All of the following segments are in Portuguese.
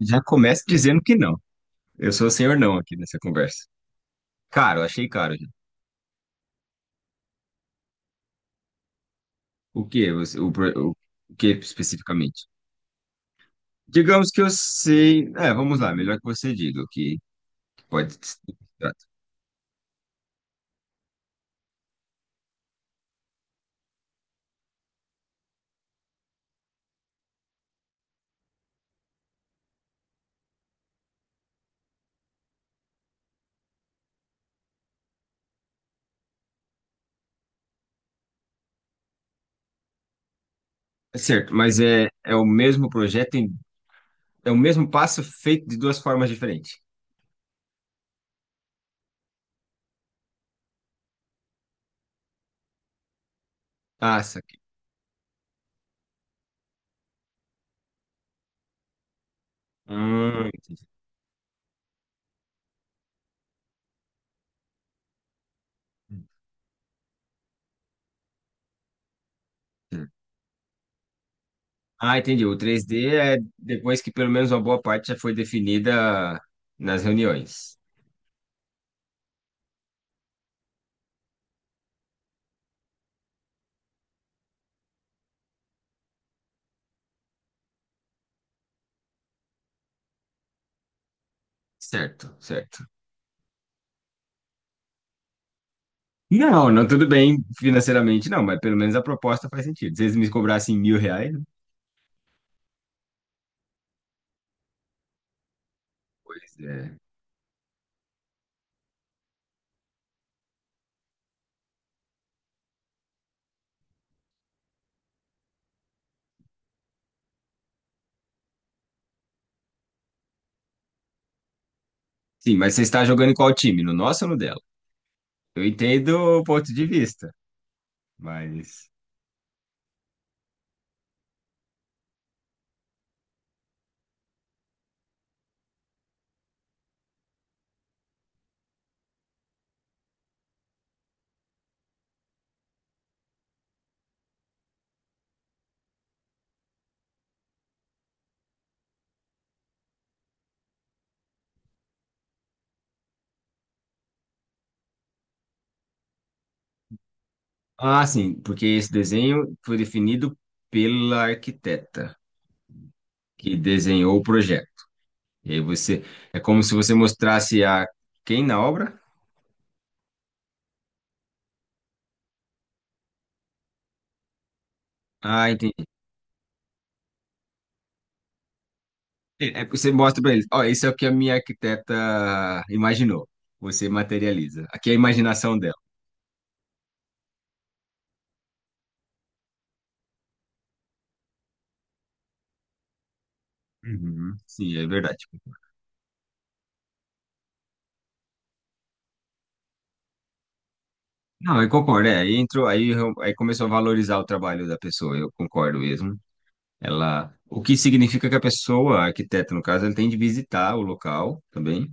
Já começa dizendo que não. Eu sou o senhor não aqui nessa conversa. Caro, achei caro. Já. O que você, o, pro- o, O que especificamente? Digamos que eu sei. Vamos lá, melhor que você diga o que que pode ser. É certo, mas é o mesmo projeto, é o mesmo passo feito de duas formas diferentes. Ah, saquei. Entendi. Ah, entendi. O três d é depois que pelo menos uma boa parte já foi definida nas reuniões. Certo, certo. Não, não, tudo bem financeiramente, não, mas pelo menos a proposta faz sentido. Se eles me cobrassem R$ 1.000, pois é. Sim, mas você está jogando em qual time? No nosso ou no dela? Eu entendo o ponto de vista, mas. Ah, sim, porque esse desenho foi definido pela arquiteta que desenhou o projeto. E aí você. É como se você mostrasse a quem na obra? Ah, entendi. Porque você mostra para eles: ó, esse é o que a minha arquiteta imaginou. Você materializa. Aqui é a imaginação. Uhum, sim, é verdade. Não, eu concordo, é, aí entrou, aí começou a valorizar o trabalho da pessoa, eu concordo mesmo. Ela, o que significa que a pessoa, a arquiteta no caso, ela tem de visitar o local também,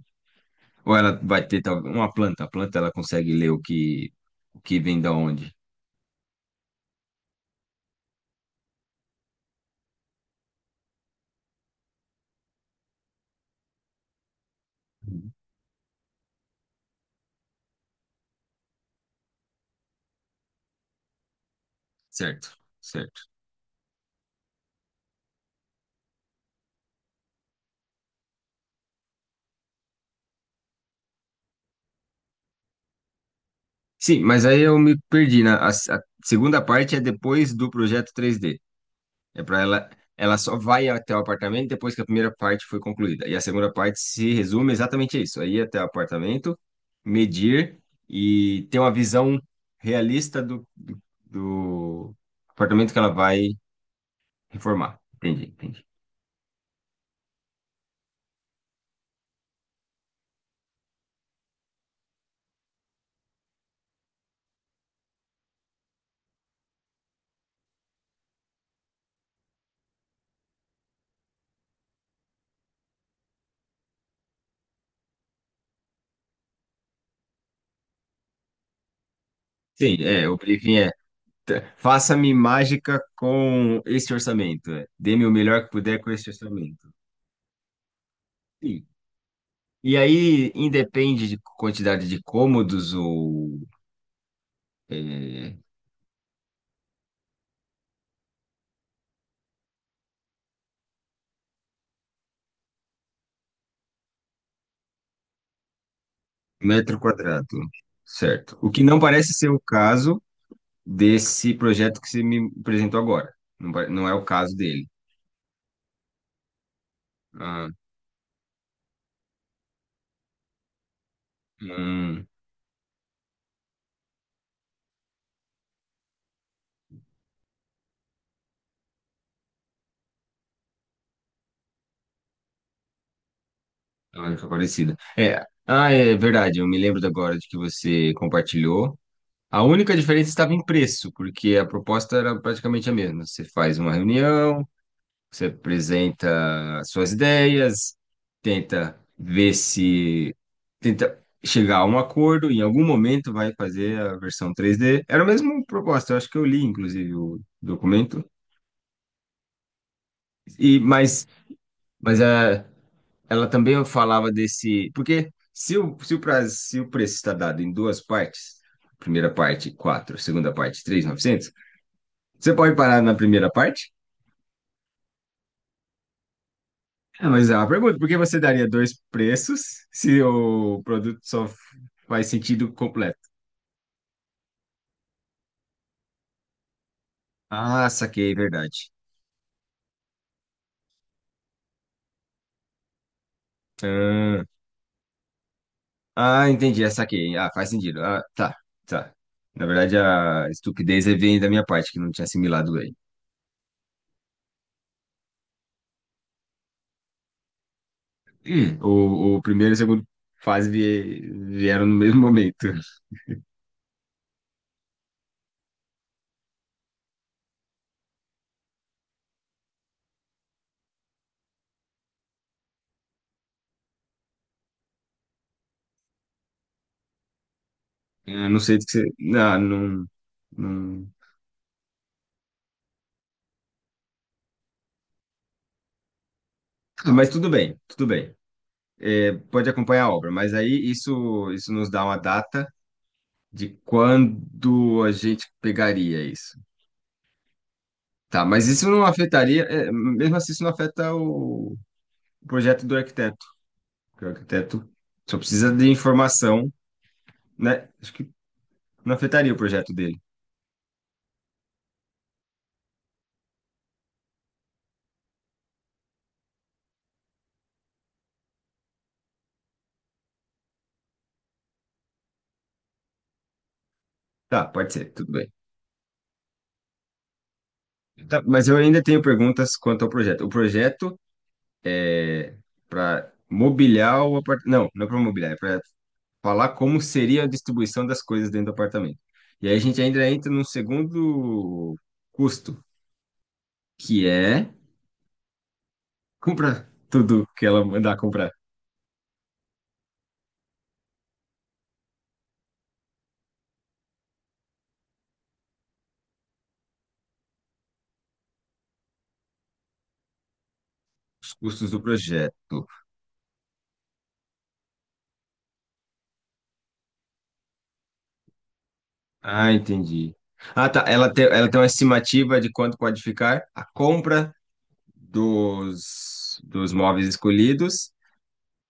ou ela vai ter uma planta, a planta ela consegue ler o que vem da onde. Uhum. Certo, certo. Sim, mas aí eu me perdi, a segunda parte é depois do projeto 3D. É para ela, ela só vai até o apartamento depois que a primeira parte foi concluída. E a segunda parte se resume exatamente a isso: aí até o apartamento, medir e ter uma visão realista do apartamento que ela vai reformar. Entendi, entendi. Sim, é, o briefing é: faça-me mágica com esse orçamento. É. Dê-me o melhor que puder com esse orçamento. Sim. E aí, independe de quantidade de cômodos ou é, metro quadrado, certo. O que não parece ser o caso desse projeto que você me apresentou agora. Não, não é o caso dele. Ah, hum, lógica parecida. É verdade, eu me lembro de agora de que você compartilhou. A única diferença estava em preço, porque a proposta era praticamente a mesma. Você faz uma reunião, você apresenta suas ideias, tenta ver se tenta chegar a um acordo, em algum momento vai fazer a versão 3D. Era a mesma proposta, eu acho que eu li, inclusive, o documento. E, mas a, ela também falava desse. Porque se o preço está dado em duas partes, primeira parte 4, segunda parte 3.900. Você pode parar na primeira parte. É, mas é uma pergunta, por que você daria dois preços se o produto só faz sentido completo? Ah, saquei, verdade. Ah, Entendi, é, saquei. Ah, faz sentido. Ah, tá, tá. Na verdade, a estupidez aí vem da minha parte, que não tinha assimilado bem. O primeiro e o segundo fase vieram no mesmo momento. Eu não sei do que você... Não, não, não... Ah, mas tudo bem, tudo bem. Pode acompanhar a obra, mas isso nos dá uma data de quando a gente pegaria isso? Tá, mas isso não afetaria, é, mesmo assim, isso não afeta o projeto do arquiteto, porque o arquiteto só precisa de informação, né? Acho que não afetaria o projeto dele. Tá, pode ser, tudo bem. Tá, mas eu ainda tenho perguntas quanto ao projeto. O projeto é para mobiliar o apartamento. Não, não é para mobiliar, é para falar como seria a distribuição das coisas dentro do apartamento. E aí a gente ainda entra num segundo custo, que é compra tudo que ela mandar comprar. Os custos do projeto. Ah, entendi. Ah, tá. Ela tem uma estimativa de quanto pode ficar a compra dos móveis escolhidos,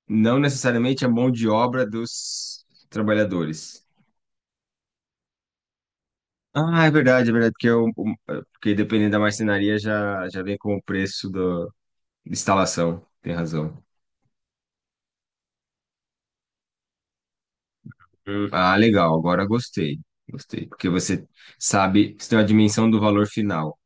não necessariamente a mão de obra dos trabalhadores. Ah, é verdade, porque dependendo da marcenaria já vem com o preço da instalação. Tem razão. Hum. Ah, legal, agora gostei. Gostei, porque você sabe, você tem uma dimensão do valor final.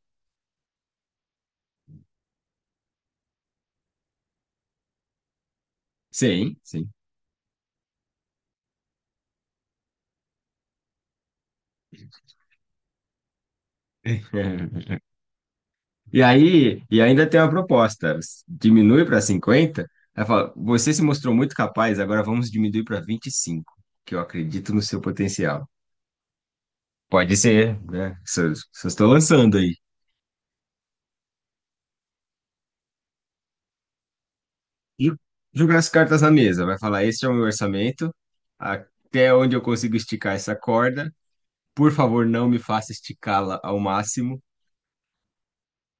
Sim, sim. E aí, e ainda tem uma proposta, diminui para 50 aí fala, você se mostrou muito capaz, agora vamos diminuir para 25 que eu acredito no seu potencial. Pode ser, né? Só, só estou lançando aí. Ju- Jogar as cartas na mesa, vai falar, este é o meu orçamento, até onde eu consigo esticar essa corda, por favor, não me faça esticá-la ao máximo,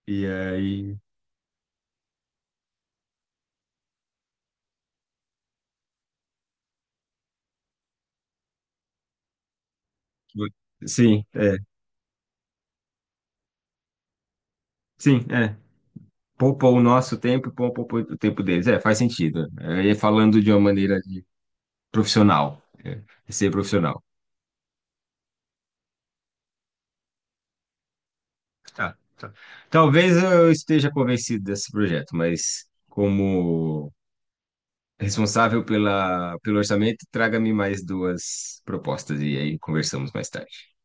e aí... Sim, é, sim, é, poupou o nosso tempo e poupou o tempo deles. É, faz sentido. É, falando de uma maneira de profissional, é, de ser profissional. Tá, tá. Talvez eu esteja convencido desse projeto, mas como responsável pelo orçamento, traga-me mais duas propostas e aí conversamos mais tarde.